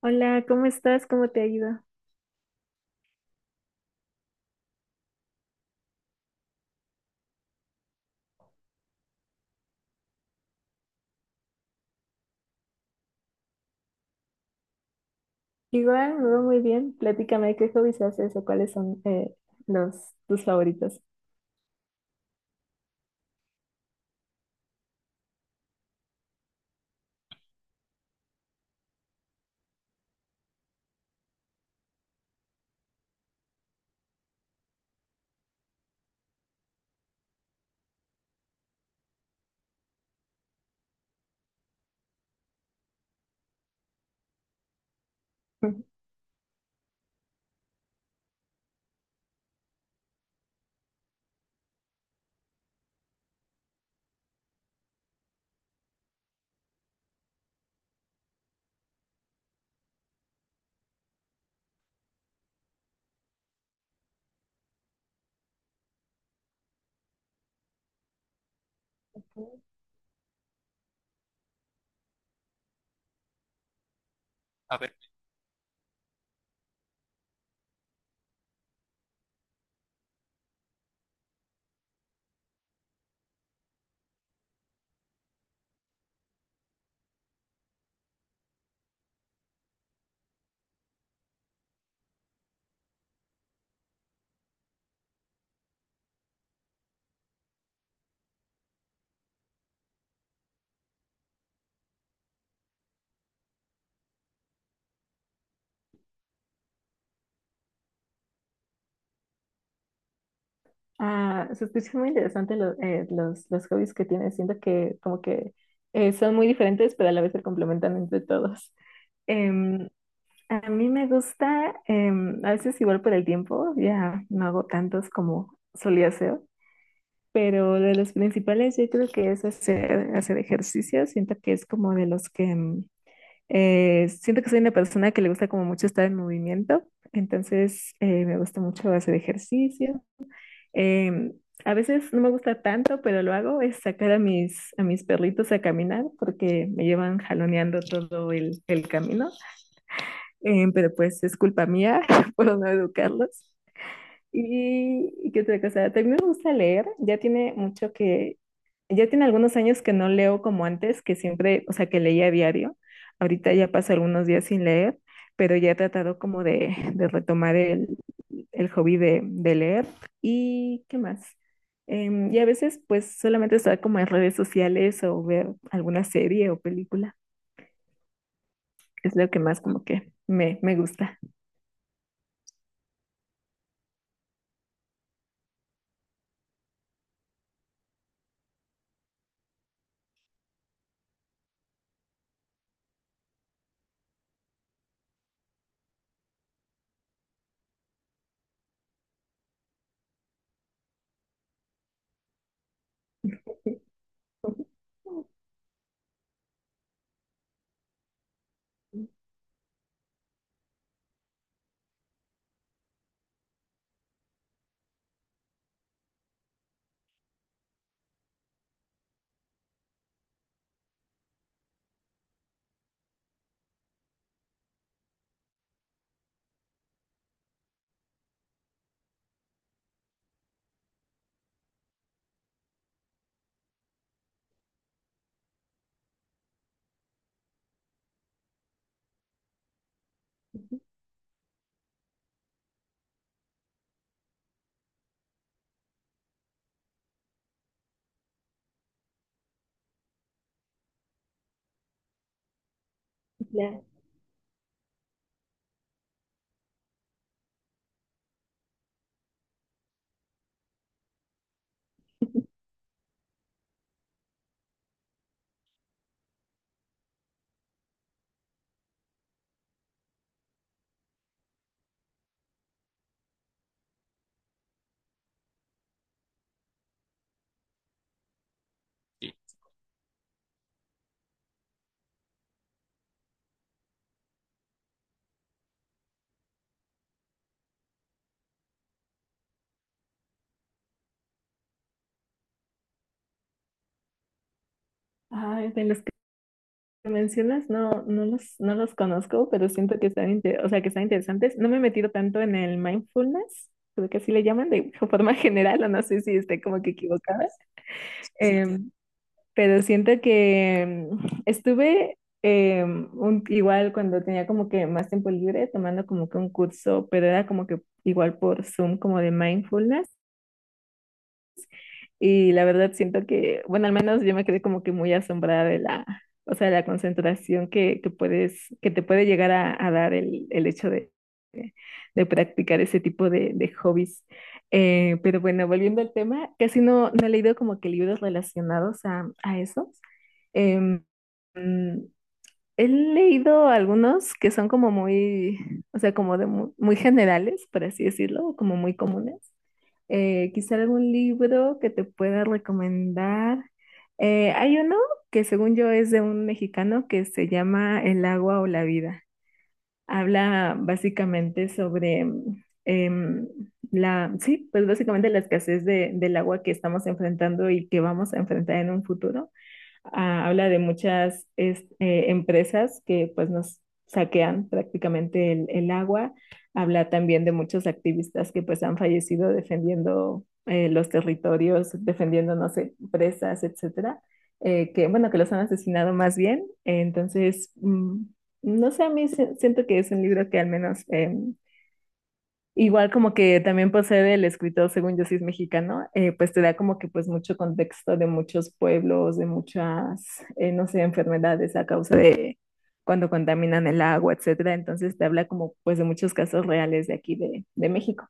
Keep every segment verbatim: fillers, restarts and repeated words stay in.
Hola, ¿cómo estás? ¿Cómo te ha ido? Igual, me va muy bien. Platícame qué hobbies haces o cuáles son eh, los tus favoritos. Ah, se escucha muy interesante lo- eh, los, los hobbies que tienes. Siento que como que eh, son muy diferentes, pero a la vez se complementan entre todos. Em, a mí me gusta, em, a veces igual por el tiempo, ya no hago tantos como solía hacer, pero de los principales yo creo que es hacer, hacer ejercicio. Siento que es como de los que... em, Eh, siento que soy una persona que le gusta como mucho estar en movimiento, entonces eh, me gusta mucho hacer ejercicio. Em, a veces no me gusta tanto, pero lo hago, es sacar a mis, a mis perritos a caminar porque me llevan jaloneando todo el, el camino. Em, pero pues es culpa mía por no educarlos. ¿Y y qué otra cosa? También me gusta leer, ya tiene mucho que, ya tiene algunos años que no leo como antes, que siempre, o sea, que leía a diario. Ahorita ya paso algunos días sin leer, pero ya he tratado como de, de retomar el, el hobby de, de leer. ¿Y qué más? Em, y a veces, pues, solamente estar como en redes sociales o ver alguna serie o película. Es lo que más como que me, me gusta. Ya. Ay, de los que mencionas no, no los, no los conozco, pero siento que están, inte- o sea, que están interesantes. No me he metido tanto en el mindfulness, creo que así le llaman de forma general, o no sé si esté como que equivocada. Sí. Eh, claro. Pero siento que em, estuve em, un- igual cuando tenía como que más tiempo libre tomando como que un curso, pero era como que igual por Zoom como de mindfulness. Y la verdad siento que, bueno, al menos yo me quedé como que muy asombrada de la, o sea, la concentración que, que puedes, que te puede llegar a, a dar el, el hecho de, de, de practicar ese tipo de, de hobbies. Eh, pero bueno, volviendo al tema, casi no, no he leído como que libros relacionados a, a esos. Em, He leído algunos que son como muy, o sea, como de mu- muy generales, por así decirlo, o como muy comunes. Eh, quizá algún libro que te pueda recomendar. Eh, hay uno que según yo es de un mexicano que se llama El agua o la vida. Habla básicamente sobre mm, em, la, sí, pues básicamente la escasez de- del agua que estamos enfrentando y que vamos a enfrentar en un futuro. Ah, habla de muchas es- eh, empresas que pues nos saquean prácticamente el, el agua, habla también de muchos activistas que pues han fallecido defendiendo eh, los territorios, defendiendo, no sé, presas, etcétera, eh, que bueno, que los han asesinado más bien, entonces, mm, no sé, a mí se- siento que es un libro que al menos... em, Igual como que también posee el escritor, según yo sí es mexicano, eh, pues te da como que pues mucho contexto de muchos pueblos, de muchas, eh, no sé, enfermedades a causa de cuando contaminan el agua, etcétera. Entonces te habla como pues de muchos casos reales de aquí de, de México.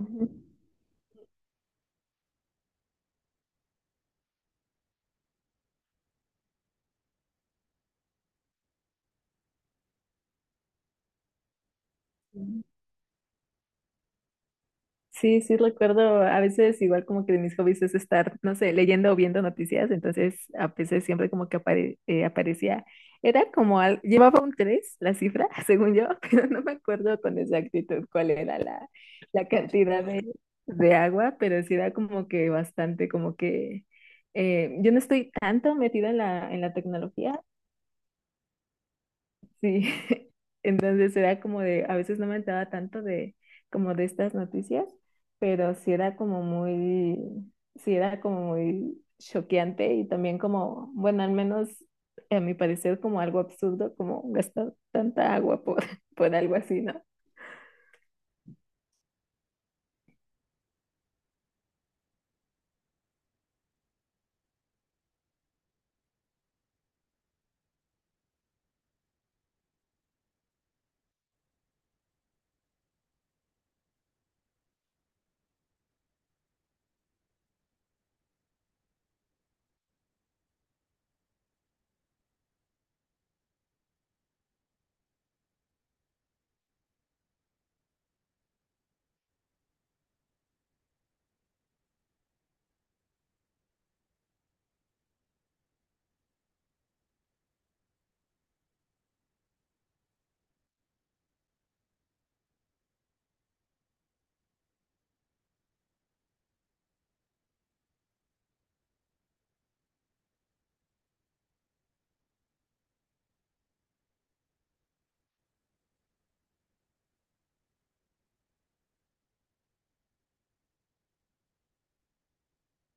Ujú. Sí, sí recuerdo, a veces igual como que de mis hobbies es estar, no sé, leyendo o viendo noticias, entonces a veces siempre como que apare- eh, aparecía, era como, al- llevaba un tres la cifra, según yo, pero no me acuerdo con exactitud cuál era la, la cantidad de, de agua, pero sí era como que bastante, como que eh, yo no estoy tanto metida en la, en la tecnología. Sí. Entonces era como de, a veces no me enteraba tanto de como de estas noticias, pero sí era como muy, sí era como muy choqueante y también como, bueno, al menos a mi parecer como algo absurdo, como gastar tanta agua por, por algo así, ¿no?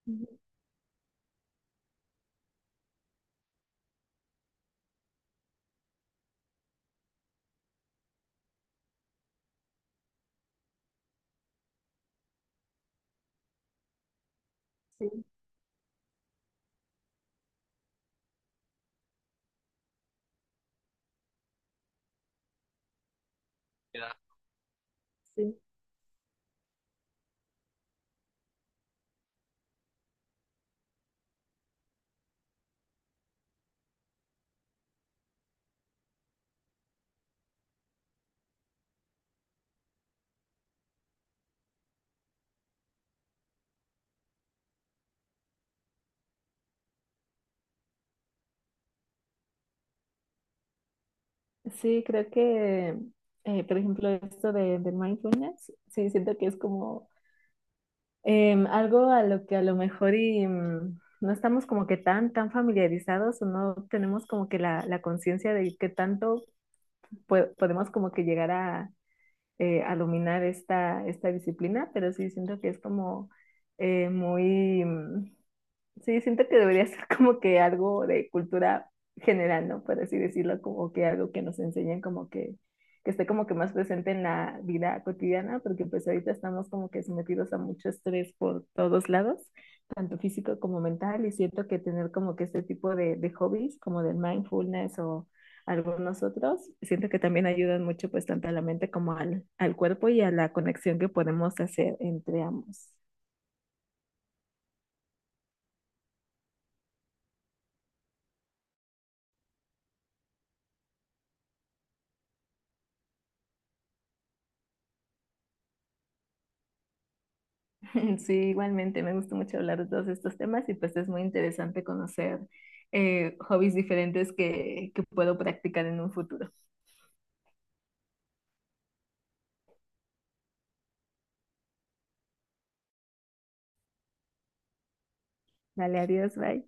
Ujú. Sí, sí. Sí, creo que, eh, por ejemplo, esto de, del mindfulness, sí, siento que es como… Em, algo a lo que a lo mejor y, mm, no estamos como que tan, tan familiarizados o no tenemos como que la, la conciencia de qué tanto pue- podemos como que llegar a eh, a dominar esta, esta disciplina, pero sí siento que es como eh, muy, mm, sí, siento que debería ser como que algo de cultura general, ¿no? Por así decirlo, como que algo que nos enseñen como que, que esté como que más presente en la vida cotidiana, porque pues ahorita estamos como que sometidos a mucho estrés por todos lados, tanto físico como mental, y siento que tener como que este tipo de, de hobbies, como del mindfulness o algunos otros, siento que también ayudan mucho pues tanto a la mente como al, al cuerpo y a la conexión que podemos hacer entre ambos. Sí, igualmente, me gusta mucho hablar de todos estos temas y pues es muy interesante conocer eh, hobbies diferentes que, que puedo practicar en un futuro. Vale, adiós, bye.